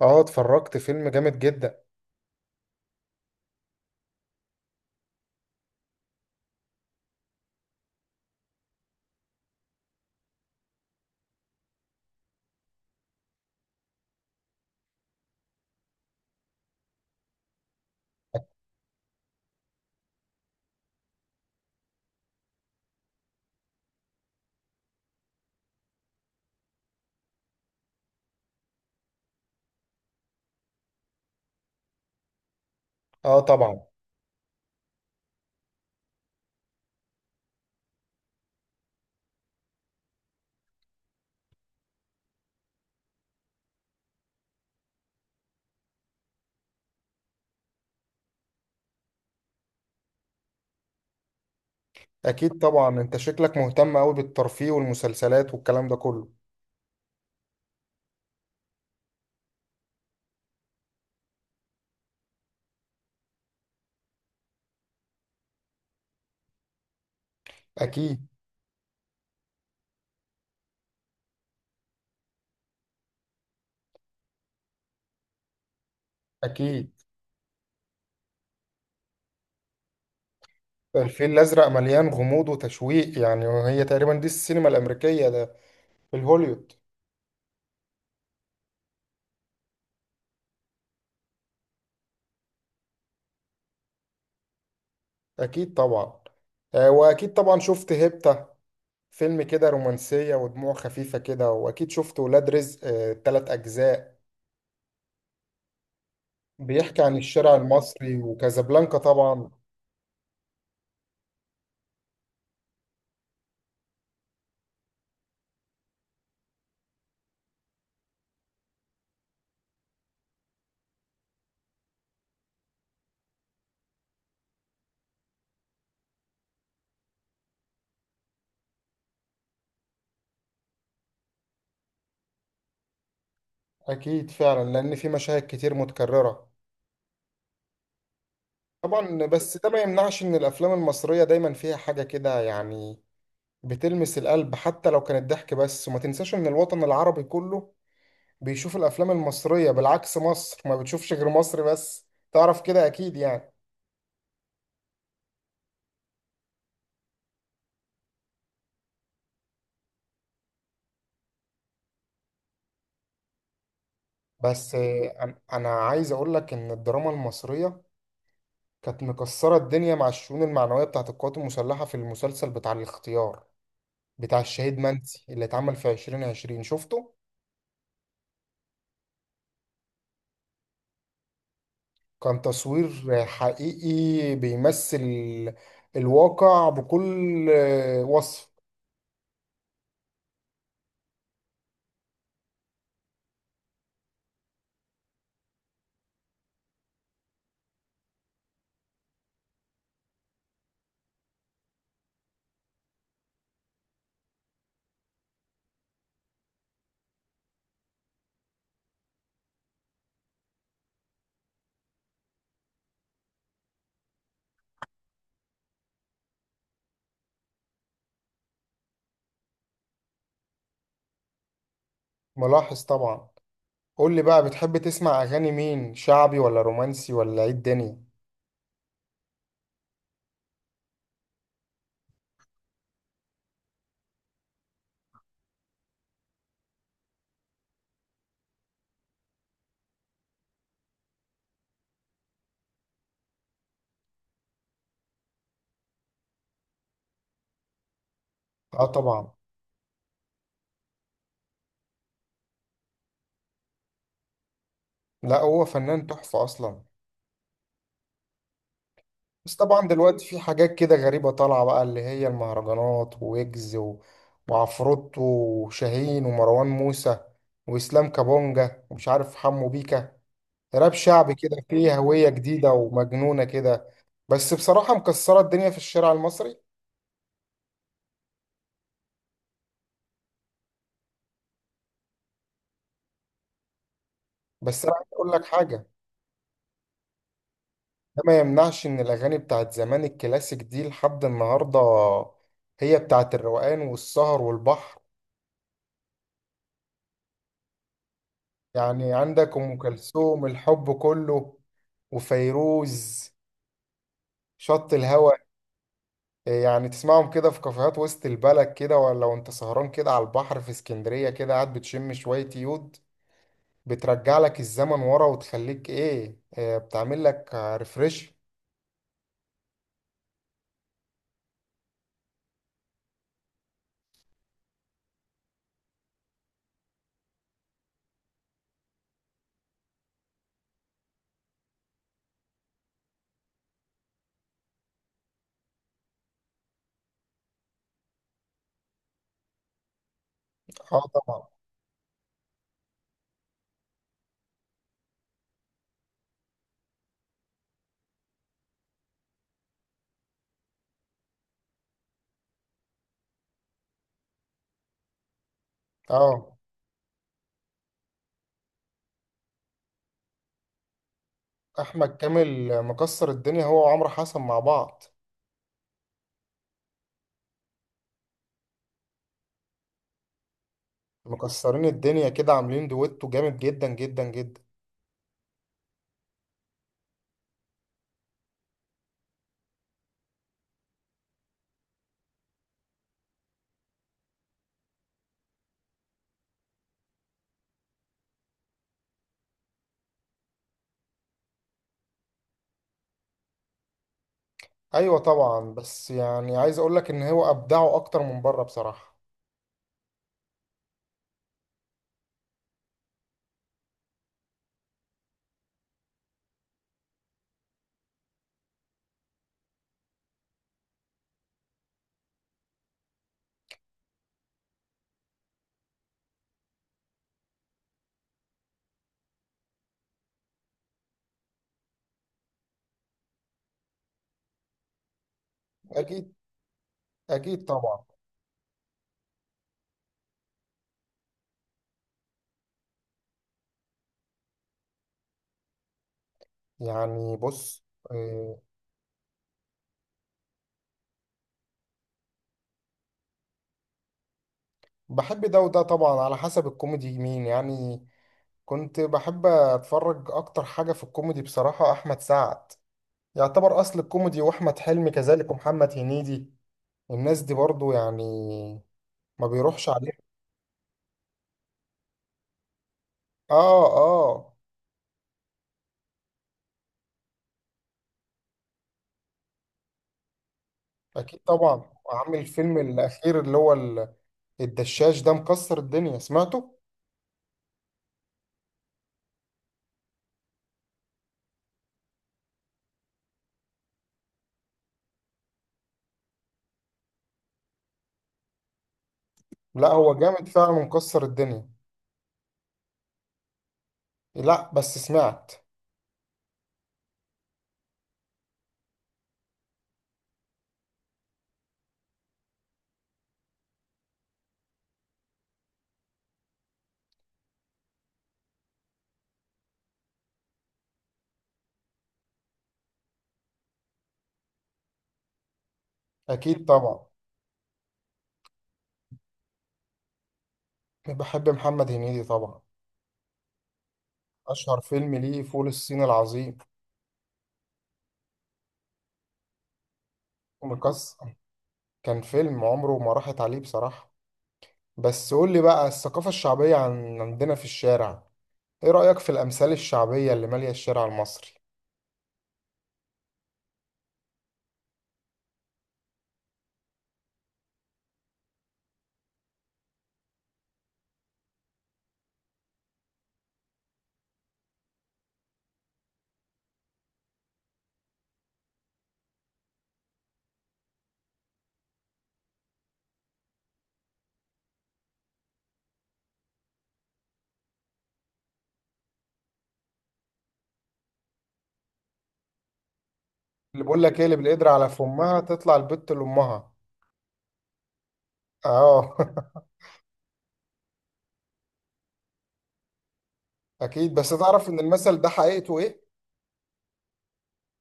اه. اتفرجت فيلم جامد جدا. اه طبعا. اكيد طبعا، انت شكلك مهتم قوي بالترفيه والمسلسلات والكلام ده كله. اكيد. اكيد. الفيل الازرق مليان غموض وتشويق يعني، وهي تقريبا دي السينما الامريكيه ده، في الهوليود. اكيد طبعا. آه، واكيد طبعا شفت هيبتا، فيلم كده رومانسيه ودموع خفيفه كده. واكيد شفت ولاد رزق، تلات اجزاء بيحكي عن الشارع المصري، وكازابلانكا طبعا. اكيد فعلا، لان في مشاهد كتير متكرره. طبعا بس ده ما يمنعش ان الافلام المصريه دايما فيها حاجه كده يعني، بتلمس القلب حتى لو كانت ضحك بس. وما تنساش ان الوطن العربي كله بيشوف الافلام المصريه، بالعكس مصر ما بتشوفش غير مصر بس، تعرف كده اكيد يعني. بس انا عايز اقول لك ان الدراما المصريه كانت مكسره الدنيا مع الشؤون المعنويه بتاعت القوات المسلحه في المسلسل بتاع الاختيار، بتاع الشهيد منسي اللي اتعمل في 2020، شفته؟ كان تصوير حقيقي بيمثل الواقع بكل وصف. ملاحظ طبعا. قول لي بقى، بتحب تسمع اغاني مين؟ شعبي ولا رومانسي ولا ايه الدنيا؟ اه طبعا. لا، هو فنان تحفة اصلا. بس طبعا دلوقتي في حاجات كده غريبة طالعة بقى، اللي هي المهرجانات، وويجز وعفروتو وشاهين ومروان موسى واسلام كابونجا ومش عارف حمو بيكا. راب شعبي كده فيه هوية جديدة ومجنونة كده. بس بصراحة مكسرة الدنيا في الشارع المصري. بس أنا عايز أقول لك حاجة. ده ما يمنعش إن الأغاني بتاعت زمان الكلاسيك دي لحد النهاردة هي بتاعت الروقان والسهر والبحر. يعني عندك أم كلثوم الحب كله، وفيروز شط الهوى. يعني تسمعهم كده في كافيهات وسط البلد كده، ولا وانت سهران كده على البحر في اسكندرية، كده قاعد بتشم شوية يود، بترجع لك الزمن ورا وتخليك ايه، بتعمل لك ريفريش. اه طبعا. اه، احمد كامل مكسر الدنيا هو وعمرو حسن مع بعض. مكسرين الدنيا كده، عاملين دويتو جامد جدا جدا جدا. ايوه طبعا، بس يعني عايز اقول لك ان هو ابدعه اكتر من بره بصراحة. اكيد. اكيد طبعا. يعني بص آه، بحب ده وده طبعا، على حسب الكوميدي مين يعني. كنت بحب اتفرج اكتر حاجة في الكوميدي بصراحة احمد سعد، يعتبر اصل الكوميدي، واحمد حلمي كذلك، ومحمد هنيدي. الناس دي برضو يعني ما بيروحش عليهم. اه. اه. اكيد طبعا، عامل الفيلم الاخير، اللي هو الدشاش ده، مكسر الدنيا، سمعته. لا، هو جامد فعلا، مكسر الدنيا. لا، بس سمعت. اكيد طبعا. بحب محمد هنيدي طبعا. اشهر فيلم ليه فول الصين العظيم. مكسر. كان فيلم عمره ما راحت عليه بصراحة. بس قول لي بقى، الثقافة الشعبية عن عندنا في الشارع، ايه رأيك في الأمثال الشعبية اللي مالية الشارع المصري؟ اللي بقول لك ايه، اللي بالقدر على فمها تطلع البت لأمها. اه. اكيد، بس تعرف ان المثل ده حقيقته ايه؟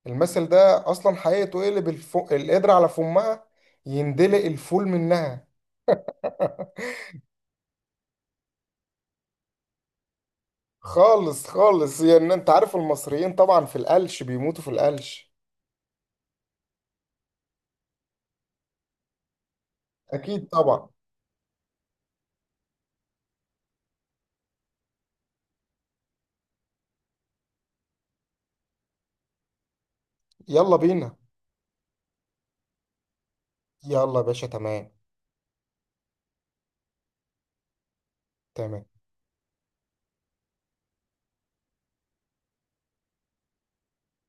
المثل ده اصلا حقيقته ايه؟ اللي القدر على فمها، يندلق الفول منها. خالص خالص. يعني انت عارف المصريين طبعا في القلش، بيموتوا في القلش. اكيد طبعا. يلا بينا. يلا يا باشا، تمام. تمام.